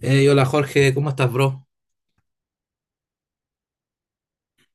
Hey, hola Jorge, ¿cómo estás, bro?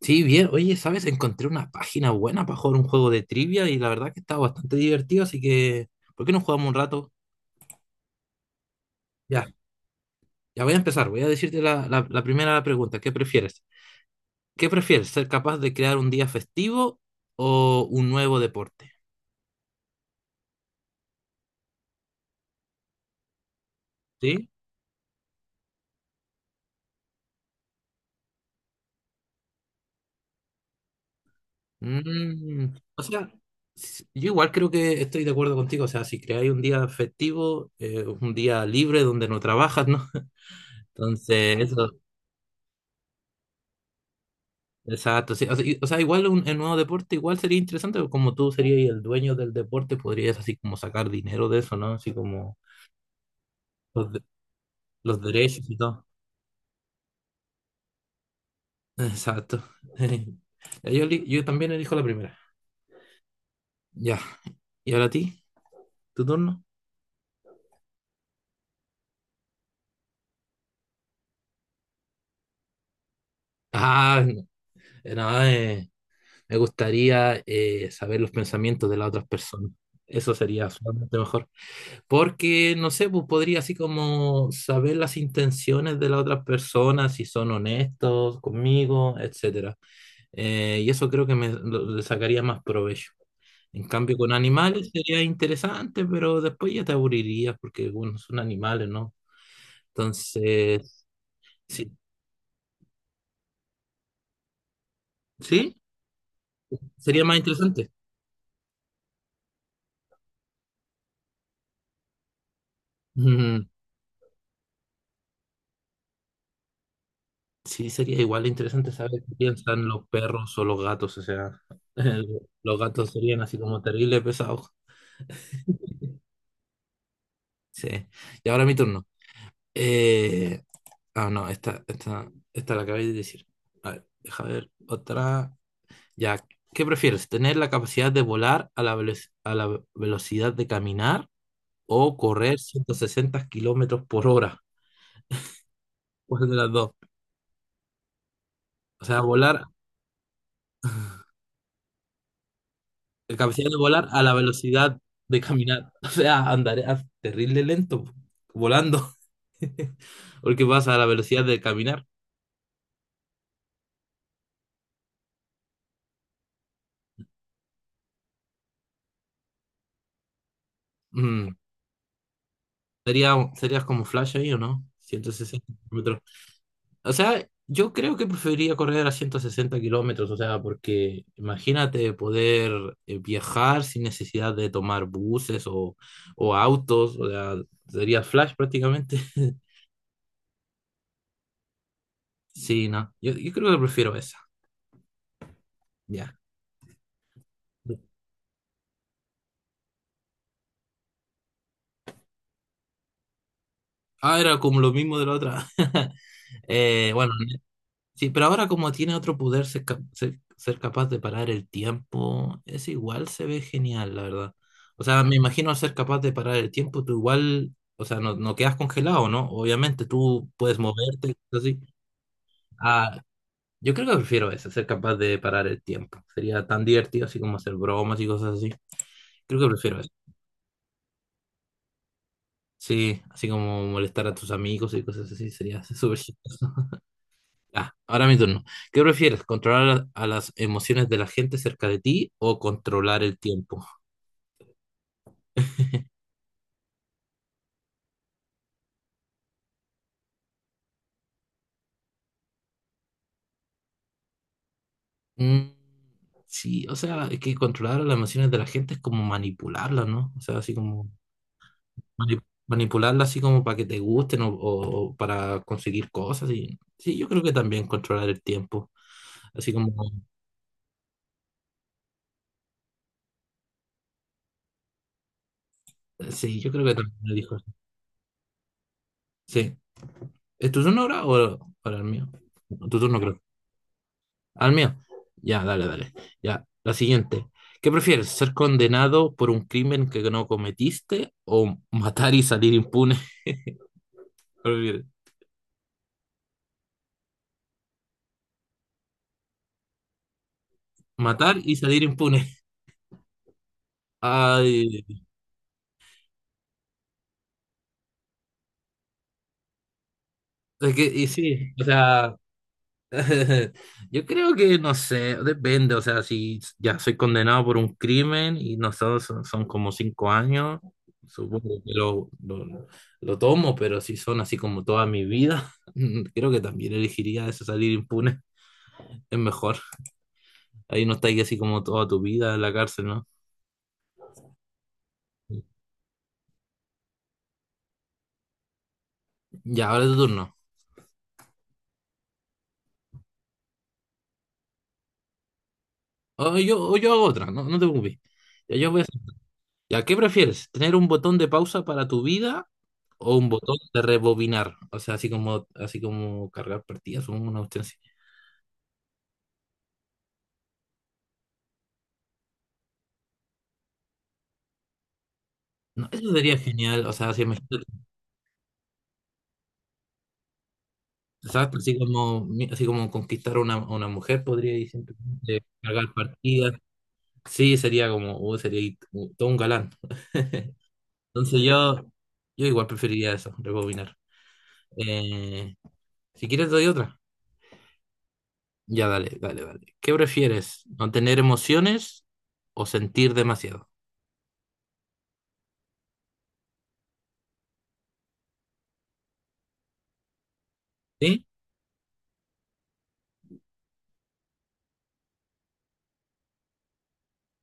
Sí, bien. Oye, ¿sabes? Encontré una página buena para jugar un juego de trivia y la verdad que está bastante divertido, así que, ¿por qué no jugamos un rato? Ya, ya voy a empezar. Voy a decirte la primera pregunta. ¿Qué prefieres? ¿Ser capaz de crear un día festivo o un nuevo deporte? ¿Sí? O sea, yo igual creo que estoy de acuerdo contigo. O sea, si creáis un día festivo, un día libre donde no trabajas, ¿no? Entonces, eso. Exacto, sí. O sea, o sea, igual en nuevo deporte, igual sería interesante, porque como tú serías el dueño del deporte, podrías así como sacar dinero de eso, ¿no? Así como los, de- los derechos y todo. Exacto. Ya. Yo también elijo la primera. Ya. ¿Y ahora a ti? ¿Tu turno? Ah, no, me gustaría saber los pensamientos de las otras personas. Eso sería sumamente mejor. Porque, no sé, pues podría así como saber las intenciones de las otras personas si son honestos conmigo, etcétera. Y eso creo que me le sacaría más provecho. En cambio, con animales sería interesante, pero después ya te aburrirías porque, bueno, son animales, ¿no? Entonces, sí, sí, sería más interesante. Mm, sí, sería igual interesante saber qué piensan los perros o los gatos, o sea, los gatos serían así como terribles pesados. Sí. Y ahora mi turno. Eh, Ah, no, esta la acabáis de decir. A ver, deja ver otra. Ya, ¿qué prefieres? ¿Tener la capacidad de volar a la velocidad de caminar o correr 160 kilómetros por hora? ¿Cuál de las dos? O sea, volar, la capacidad de volar a la velocidad de caminar. O sea, andaré terrible lento, volando, porque vas a la velocidad de caminar. Mm. Serías como Flash ahí, ¿o no? 160 kilómetros. O sea, yo creo que preferiría correr a 160 kilómetros, o sea, porque imagínate poder viajar sin necesidad de tomar buses o autos, o sea, sería Flash prácticamente. Sí, no, yo creo que prefiero esa, ya. Ah, era como lo mismo de la otra. Bueno. Sí, pero ahora como tiene otro poder, ser capaz de parar el tiempo, es igual se ve genial, la verdad. O sea, me imagino al ser capaz de parar el tiempo, tú igual, o sea, no, no quedas congelado, ¿no? Obviamente, tú puedes moverte, así. Ah, yo creo que prefiero eso, ser capaz de parar el tiempo. Sería tan divertido así como hacer bromas y cosas así. Creo que prefiero eso. Sí, así como molestar a tus amigos y cosas así, sería súper chistoso. Ah, ahora mi turno. ¿Qué prefieres? ¿Controlar a las emociones de la gente cerca de ti o controlar el tiempo? Mm, sí, o sea, es que controlar las emociones de la gente es como manipularlas, ¿no? O sea, así como mani- manipularlas así como para que te gusten o para conseguir cosas. Y, sí, yo creo que también controlar el tiempo. Así como, sí, yo creo que también lo dijo. Sí. ¿Es tu turno ahora o el mío? No, tu turno, creo. ¿Al mío? Ya, dale, dale. Ya, la siguiente. ¿Qué prefieres, ser condenado por un crimen que no cometiste o matar y salir impune? ¿Qué prefieres? Matar y salir impune. Ay, es que, y sí, o sea, yo creo que, no sé, depende, o sea, si ya soy condenado por un crimen y no sé, son como 5 años, supongo que lo tomo, pero si son así como toda mi vida, creo que también elegiría eso, salir impune. Es mejor. Ahí no estáis así como toda tu vida en la cárcel, ¿no? Ya, ahora es tu turno. O yo hago otra, no, no te preocupes. Ya, yo voy a hacer- ya, ¿qué prefieres? ¿Tener un botón de pausa para tu vida o un botón de rebobinar? O sea, así como cargar partidas, supongo, una cuestión así. No, eso sería genial. O sea, si imagínate, ¿sabes? Así como conquistar a una mujer, podría ir simplemente cargar partidas. Sí, sería como, oh, sería todo un galán. Entonces yo igual preferiría eso, rebobinar. Eh, si quieres doy otra. Ya, dale, dale, dale. ¿Qué prefieres? ¿No tener emociones o sentir demasiado? ¿Sí?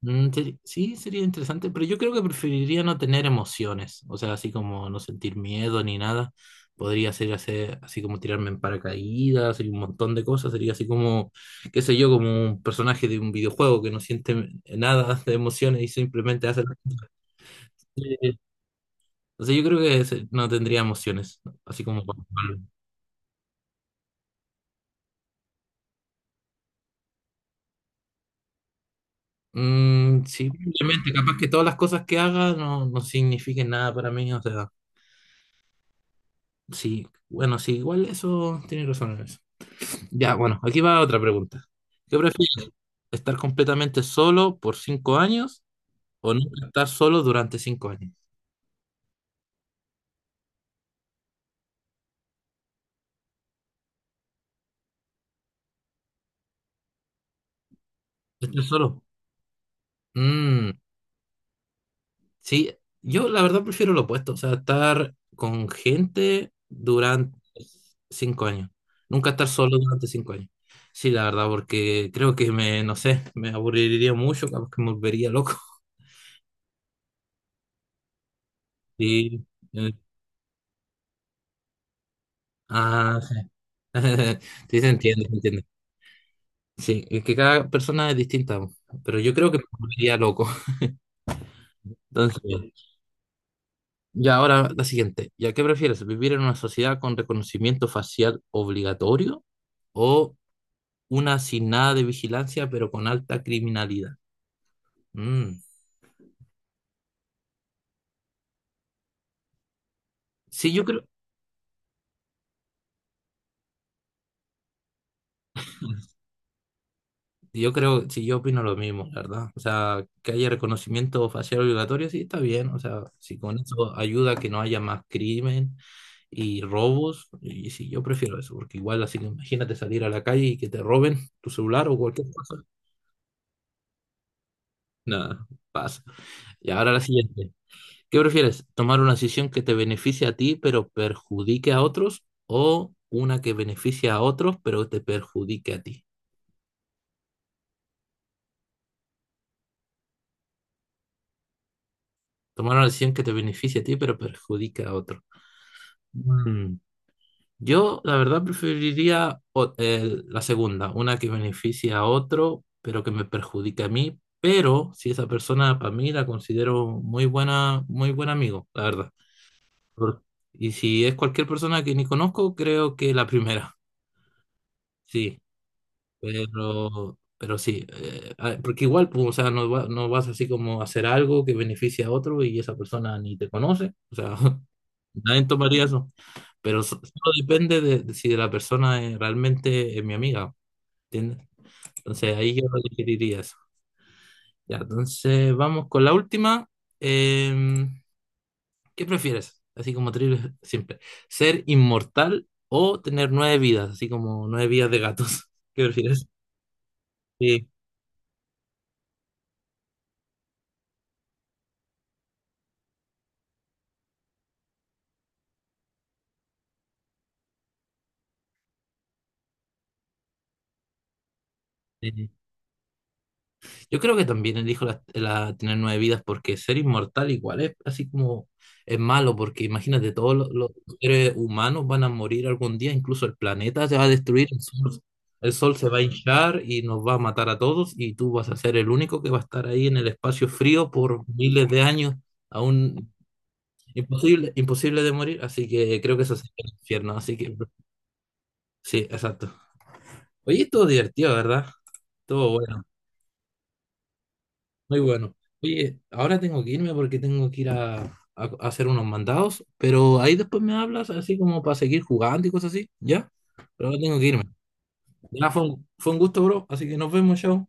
Sí, sería interesante, pero yo creo que preferiría no tener emociones. O sea, así como no sentir miedo ni nada. Podría ser hacer, así como tirarme en paracaídas y un montón de cosas. Sería así como, qué sé yo, como un personaje de un videojuego que no siente nada de emociones y simplemente hace. O sea, yo creo que no tendría emociones, ¿no? Así como Juan Pablo. Sí, obviamente, capaz que todas las cosas que haga no, no signifiquen nada para mí, o sea, sí, bueno, sí, igual eso tiene razón en eso. Ya, bueno, aquí va otra pregunta. ¿Qué prefieres? ¿Estar completamente solo por 5 años o nunca estar solo durante 5 años? ¿Estar solo? Mm. Sí, yo la verdad prefiero lo opuesto, o sea, estar con gente durante 5 años, nunca estar solo durante cinco años. Sí, la verdad, porque creo que me, no sé, me aburriría mucho, capaz que me volvería loco. Sí, eh, ah, sí, se entiende, se entiende. Sí, es que cada persona es distinta, pero yo creo que me volvería loco. Entonces, ya ahora la siguiente. ¿Ya qué prefieres? ¿Vivir en una sociedad con reconocimiento facial obligatorio o una sin nada de vigilancia, pero con alta criminalidad? Mm. Sí, yo creo, sí, yo opino lo mismo, la verdad. O sea, que haya reconocimiento facial obligatorio, sí, está bien. O sea, si con eso ayuda a que no haya más crimen y robos, y sí, yo prefiero eso, porque igual así que imagínate salir a la calle y que te roben tu celular o cualquier cosa. Nada, pasa. Y ahora la siguiente. ¿Qué prefieres? ¿Tomar una decisión que te beneficie a ti pero perjudique a otros o una que beneficie a otros pero te perjudique a ti? Tomar una decisión que te beneficie a ti pero perjudique a otros. Mm, Yo, la verdad, preferiría la segunda, una que beneficie a otro pero que me perjudique a mí, pero si esa persona para mí la considero muy buena, muy buen amigo, la verdad. Por- Y si es cualquier persona que ni conozco, creo que la primera. Sí. Pero sí, porque igual, pues, o sea, no, no vas así como a hacer algo que beneficie a otro y esa persona ni te conoce, o sea, nadie tomaría eso, pero solo depende de si la persona es realmente es mi amiga, ¿entiendes? Entonces ahí yo diría eso. Ya, entonces vamos con la última. Eh, ¿qué prefieres? Así como trivial, simple. ¿Ser inmortal o tener 9 vidas? Así como 9 vidas de gatos. ¿Qué prefieres? Sí. Sí. Yo creo que también elijo tener 9 vidas porque ser inmortal igual es así como es malo porque imagínate todos los seres humanos van a morir algún día, incluso el planeta se va a destruir, el sol se va a hinchar y nos va a matar a todos y tú vas a ser el único que va a estar ahí en el espacio frío por miles de años, aún imposible, imposible de morir, así que creo que eso sería el infierno, así que sí, exacto. Oye, estuvo divertido, ¿verdad? Estuvo bueno. Muy bueno. Oye, ahora tengo que irme porque tengo que ir a hacer unos mandados, pero ahí después me hablas así como para seguir jugando y cosas así, ¿ya? Pero ahora tengo que irme. Ya fue un gusto, bro, así que nos vemos, chao.